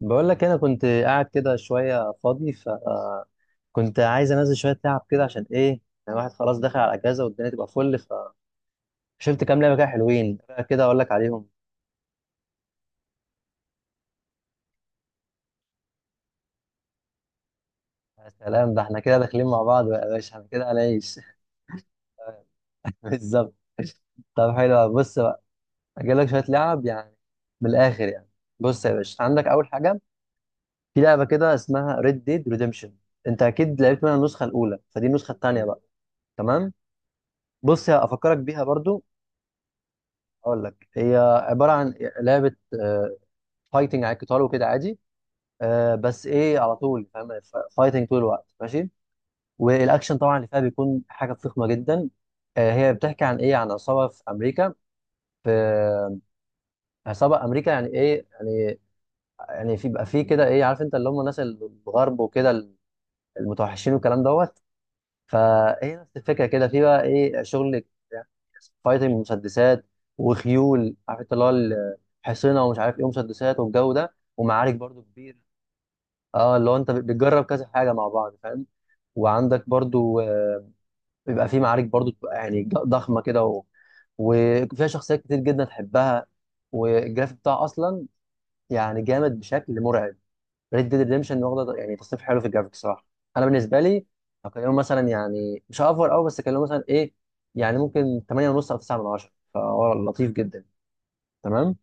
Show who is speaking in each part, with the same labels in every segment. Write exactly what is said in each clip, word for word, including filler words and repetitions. Speaker 1: بقول لك انا كنت قاعد كده شويه فاضي، فكنت عايز انزل شويه تعب كده عشان ايه يعني. الواحد خلاص داخل على الاجازه والدنيا تبقى فل. فشفت كام لعبه كده حلوين، بقى كده اقول لك عليهم. يا سلام، ده احنا كده داخلين مع بعض بقى يا باشا، احنا كده هنعيش. بالظبط. طب حلو أوي. بص بقى، اجيب لك شويه لعب يعني، من الاخر يعني. بص يا باشا، عندك اول حاجه، في لعبه كده اسمها ريد ديد ريديمشن. انت اكيد لعبت منها النسخه الاولى، فدي النسخه الثانيه بقى. تمام. بص هفكرك بيها برضو. اقول لك، هي عباره عن لعبه فايتنج، على القتال وكده عادي. آه، بس ايه، على طول فاهم، فايتنج طول الوقت، ماشي. والاكشن طبعا اللي فيها بيكون حاجه فخمه جدا. آه، هي بتحكي عن ايه، عن عصابه في امريكا. في آه، عصابه امريكا، يعني ايه يعني؟ يعني في بيبقى في كده ايه، عارف انت اللي هم الناس الغرب وكده، المتوحشين والكلام دوت. فهي نفس الفكره كده، في بقى ايه، شغل يعني فايتنج، مسدسات وخيول، عارف انت اللي هو ال- حصينه ومش عارف ايه، ومسدسات والجو ده، ومعارك برضو كبيره. اه، اللي هو انت بتجرب كذا حاجه مع بعض فاهم. وعندك برضو آه، بيبقى في معارك برضو، بتبقى يعني ج- ضخمه كده. و... وفيها شخصيات كتير جدا تحبها، والجرافيك بتاعها اصلا يعني جامد بشكل مرعب. ريد ديد ريدمشن واخده يعني تصنيف حلو في الجرافيك صراحه. انا بالنسبه لي اكلمه مثلا يعني، مش اوفر قوي، بس اكلمه مثلا ايه، يعني ممكن ثمانية ونص او تسعة من عشرة، فهو لطيف جدا. تمام.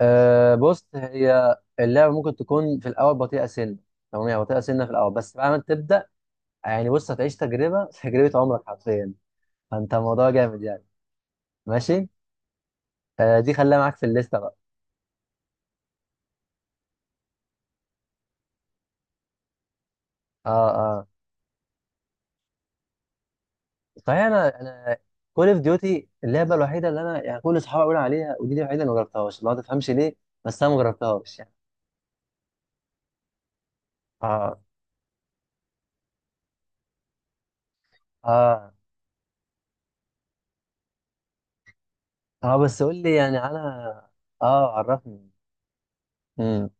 Speaker 1: آه بص، هي اللعبه ممكن تكون في الاول بطيئه سنه. تمام، يعني بطيئه سنه في الاول، بس بعد ما تبدا يعني، بص هتعيش تجربه، تجربه عمرك حرفيا. فانت الموضوع جامد يعني. ماشي. آه دي خليها معاك في الليسته بقى. اه، اه، صحيح. انا انا كول اوف ديوتي اللعبه الوحيده اللي انا يعني كل اصحابي بيقولوا عليها، ودي دي الوحيده اللي ما جربتهاش، ما تفهمش ليه. بس انا ما جربتهاش يعني. اه، اه، اه، بس قول لي يعني على، اه عرفني. امم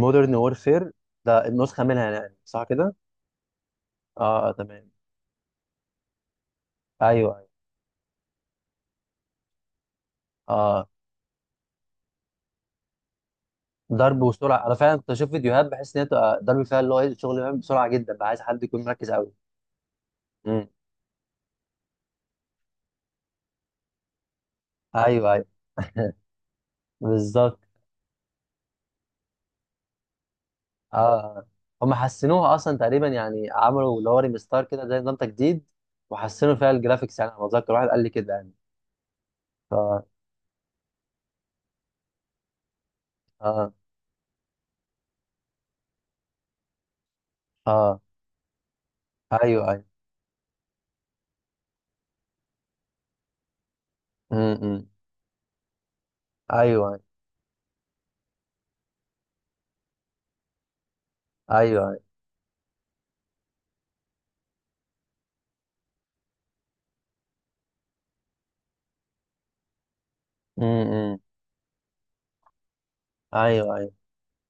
Speaker 1: مودرن وورفير، ده النسخه منها يعني صح كده؟ اه، آه، تمام. ايوه، ايوه، اه ضرب وسرعه. انا فعلا كنت اشوف فيديوهات بحس ان هي بتبقى ضرب فيها، اللي هو إيه، الشغل بيعمل بسرعه جدا، بقى عايز حد يكون مركز قوي. امم ايوه، ايوه، بالظبط. اه هم حسنوها اصلا تقريبا، يعني عملوا اللي هو ريمستار كده، زي نظام تجديد وحسنوا فيها الجرافيكس. يعني انا اتذكر واحد قال لي كده يعني. ف اه، اه، ايوه ايوه. امم إمم، ايوه ايوه. ايوه، أيوه، امم إمم، ايوه ايوه.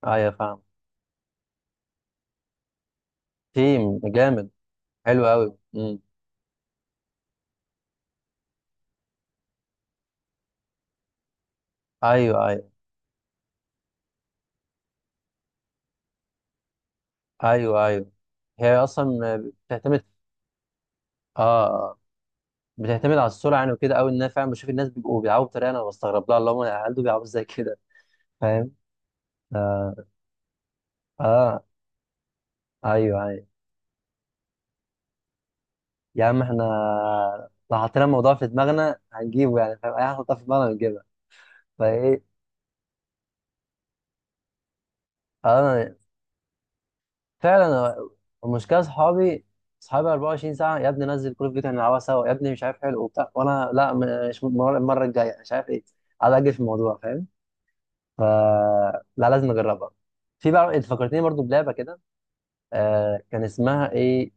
Speaker 1: ايوه فاهم. تيم جامد. حلو قوي. امم. ايوه ايوه. ايوه ايوه. هي اصلا بتعتمد، اه، آه. بتعتمد على السرعه يعني وكده قوي. ان انا فعلا بشوف الناس بيبقوا بيلعبوا بطريقه انا بستغرب لها، اللي هم هل دول بيلعبوا ازاي كده؟ فاهم. اه، آه. ايوه ايوه. يا عم احنا لو حطينا الموضوع في دماغنا هنجيبه يعني، فاهم، اي حاجه نحطها في دماغنا هنجيبها. فايه؟ انا فعلا المشكله، اصحابي اصحابي أربعة وعشرين ساعة ساعه: يا ابني نزل كل فيديو، هنلعبها سوا، يا ابني مش عارف حلو وبتاع، وانا لا، مش المره، المرة الجايه، مش عارف ايه، قاعد اجل في الموضوع فاهم. ف لا لازم اجربها. في بقى انت فكرتني برضو بلعبه كده، آه كان اسمها ايه؟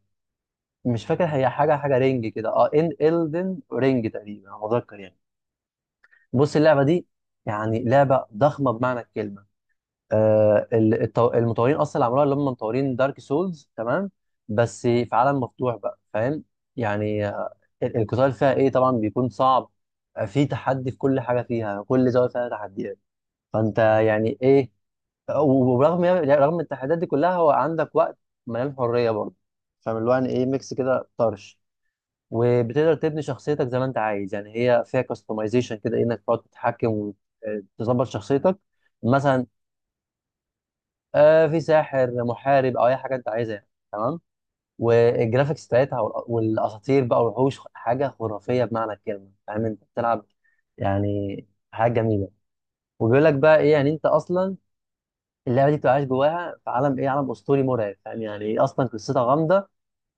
Speaker 1: مش فاكر، هي حاجه، حاجه رينج كده. اه، ان الدن رينج تقريبا، انا متذكر يعني. بص اللعبه دي يعني لعبه ضخمه بمعنى الكلمه. آه ال- التو- المطورين اصلا اللي عملوها اللي هم مطورين دارك سولز، تمام، بس في عالم مفتوح بقى فاهم. يعني آه، ال- القتال فيها ايه طبعا بيكون صعب. آه، في تحدي في كل حاجه فيها، كل زاويه فيها تحديات، فانت يعني ايه. وبرغم، رغم التحديات دي كلها، هو عندك وقت مليان حريه برضه، فاهم، اللي هو يعني ايه ميكس كده طرش. وبتقدر تبني شخصيتك زي ما انت عايز، يعني هي فيها كاستمايزيشن كده، انك تقعد تتحكم وتظبط شخصيتك. مثلا آه في ساحر، محارب، او اي حاجه انت عايزها يعني. تمام. والجرافيكس بتاعتها وال- والاساطير بقى والوحوش، حاجه خرافيه بمعنى الكلمه، فاهم انت بتلعب يعني حاجه جميله. وبيقول لك بقى ايه يعني، انت اصلا اللعبه دي بتبقى عايش جواها، في عالم ايه، عالم اسطوري مرعب، فاهم يعني ايه، اصلا قصتها غامضه،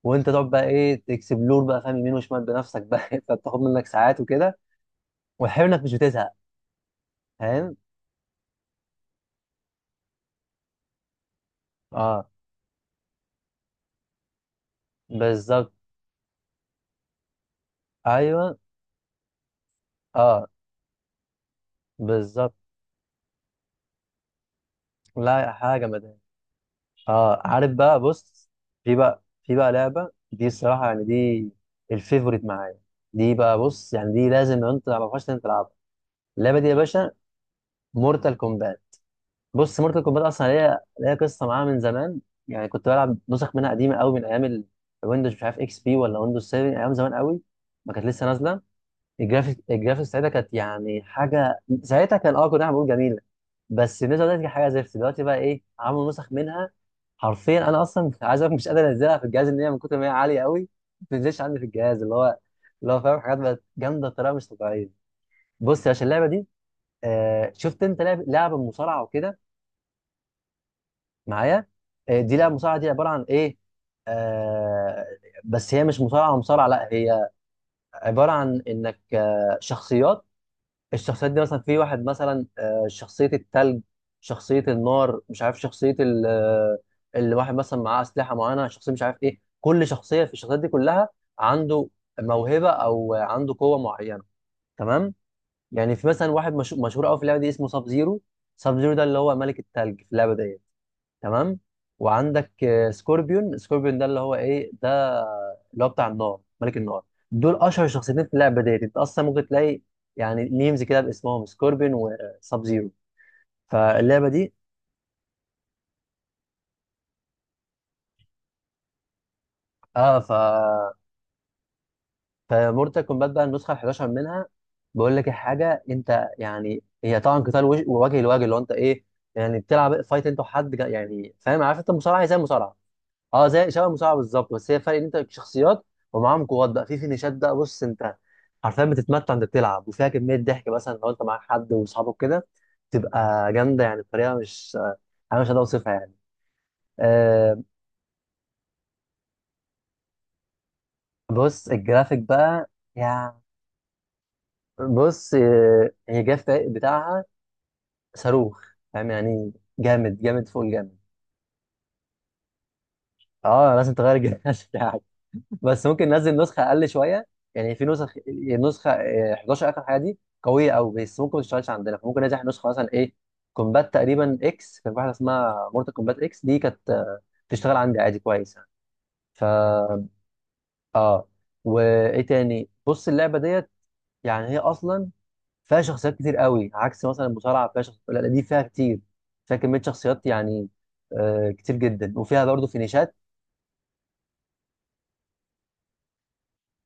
Speaker 1: وانت تقعد بقى ايه تكسبلور بقى فاهم، يمين وشمال بنفسك بقى. فبتاخد منك ساعات وكده، وحلو انك مش بتزهق فاهم. اه بالظبط. ايوه. اه بالظبط. لا حاجه مدهش. اه عارف بقى، بص، في بقى في بقى لعبه دي الصراحه يعني، دي الفيفوريت معايا. دي بقى بص يعني، دي لازم لو انت ما تعرفهاش لازم تلعبها، اللعبه دي يا باشا: مورتال كومبات. بص مورتال كومبات اصلا ليها ليها قصه معاها من زمان. يعني كنت بلعب نسخ منها قديمه قوي، من ايام الويندوز، مش عارف اكس بي ولا ويندوز سبعة، ايام زمان قوي ما كانت لسه نازله. الجرافيك، الجرافيكس ساعتها كانت يعني حاجه، ساعتها كان اه، كنا إحنا بنقول جميله. بس النسخه دلوقتي كانت حاجه زفت، دلوقتي بقى ايه عملوا نسخ منها حرفيا انا اصلا عايز أقولك مش قادر انزلها في الجهاز، ان هي من كتر ما هي عاليه قوي ما بتنزلش عندي في الجهاز، اللي هو، اللي هو فاهم حاجات بقت جامده بطريقه مش طبيعيه. بص يا باشا، اللعبه دي، آه شفت انت لعب لعبه مصارعه وكده معايا؟ آه دي لعبه مصارعه، دي عباره عن ايه، آه بس هي مش مصارعه مصارعه، لا، هي عباره عن انك آه شخصيات. الشخصيات دي مثلا، في واحد مثلا آه، شخصية التلج، شخصية النار، مش عارف شخصية ال- آه، اللي واحد مثلا معاه أسلحة معينة، شخصية مش عارف إيه كل شخصية في الشخصيات دي كلها عنده موهبة أو عنده قوة معينة. تمام. يعني في مثلا واحد مشهور مشهور قوي في اللعبة دي، اسمه ساب زيرو. ساب زيرو ده اللي هو ملك التلج في اللعبة دي. تمام. وعندك آه، سكوربيون. سكوربيون ده اللي هو ايه ده، اللي هو بتاع النار، ملك النار. دول اشهر شخصيتين في اللعبه ديت، انت اصلا ممكن تلاقي يعني ميمز كده باسمهم، سكوربيون وساب زيرو. فاللعبه دي، اه، ف، فمورتال كومبات بقى النسخه ال حداشر منها، بقول لك الحاجه، انت يعني هي طبعا قتال وجه، وجه لوجه، اللي هو انت ايه يعني بتلعب فايت انت وحد جا- يعني فاهم، عارف انت المصارعه هي زي المصارعه. اه زي، شبه المصارعه بالظبط، بس هي فرق ان انت شخصيات ومعاهم قوات بقى، في فينيشات بقى. بص انت حرفيا بتتمتع، انت بتلعب وفيها كميه ضحك مثلا لو انت معاك حد واصحابك كده، تبقى جامده يعني بطريقه مش، انا مش هقدر اوصفها يعني. آه بص الجرافيك بقى يعني، بص آه، هي جرافيك بتاعها صاروخ، فاهم يعني جامد جامد فوق الجامد. اه لازم تغير الجهاز بتاعك، بس ممكن ننزل نسخه اقل شويه. يعني في نسخ، النسخه آه، حداشر اخر حاجه دي قويه قوي، بس ممكن ما تشتغلش عندنا، فممكن ننزل نسخه مثلا ايه كومبات، تقريبا اكس، كان في واحده اسمها مورتال كومبات اكس، دي كانت آه، تشتغل عندي عادي كويس يعني. ف اه. وايه تاني، بص اللعبه ديت يعني هي اصلا فيها شخصيات كتير قوي، عكس مثلا المصارعه فيها شخصيات، لا لا، دي فيها كتير، فيها كميه شخصيات يعني آه كتير جدا. وفيها برضه فينيشات.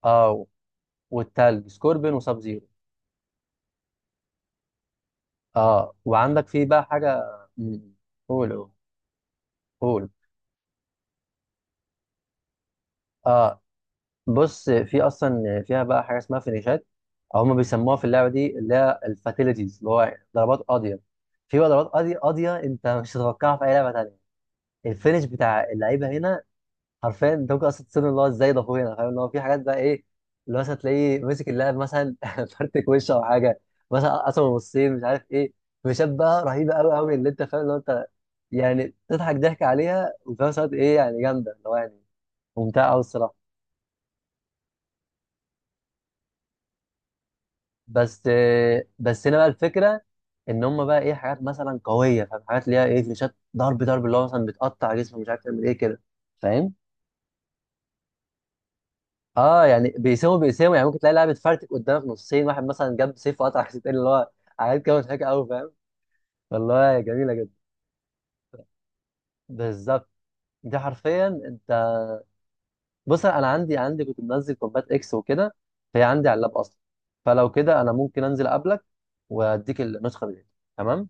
Speaker 1: اه، والتلج سكوربين وساب زيرو. اه وعندك في بقى حاجه. مم. قول. أوه. قول، اه بص في اصلا فيها بقى حاجه اسمها فينيشات، او هم بيسموها في اللعبه دي اللي هي الفاتيليتيز، اللي هو ضربات قاضيه. في بقى ضربات قاضيه، قاضيه انت مش هتتوقعها في اي لعبه تانيه. الفينش بتاع اللعيبه هنا حرفيا انت ممكن اصلا تصير، اللي هو ازاي ده اخويا، فاهم اللي هو في حاجات بقى ايه، اللي هو مثلا تلاقيه مسك اللاعب، مثلا فرتك وشه او حاجه، مثلا قسم نصين، مش عارف ايه، مشابهه رهيبه قوي قوي، اللي انت فاهم اللي هو انت، يعني تضحك ضحك عليها، وفي نفس الوقت ايه يعني جامده، اللي هو يعني ممتعه قوي الصراحه. بس بس هنا بقى الفكره، ان هم بقى ايه، حاجات مثلا قويه، فاهم حاجات ليها ايه فليشات، ضرب ضرب اللي هو مثلا بتقطع جسمه مش عارف تعمل ايه كده، فاهم. اه يعني بيساوموا بيساوموا يعني، ممكن تلاقي لاعب اتفرتك قدامك نصين، واحد مثلا جاب سيف وقطع السيف التاني، اللي هو حاجات كده مضحكه قوي فاهم. والله جميله جدا. بالظبط. دي حرفيا انت، بص انا عندي عندي كنت منزل كومبات اكس وكده، فهي عندي على اللاب اصلا، فلو كده انا ممكن انزل اقابلك واديك النسخه دي. تمام.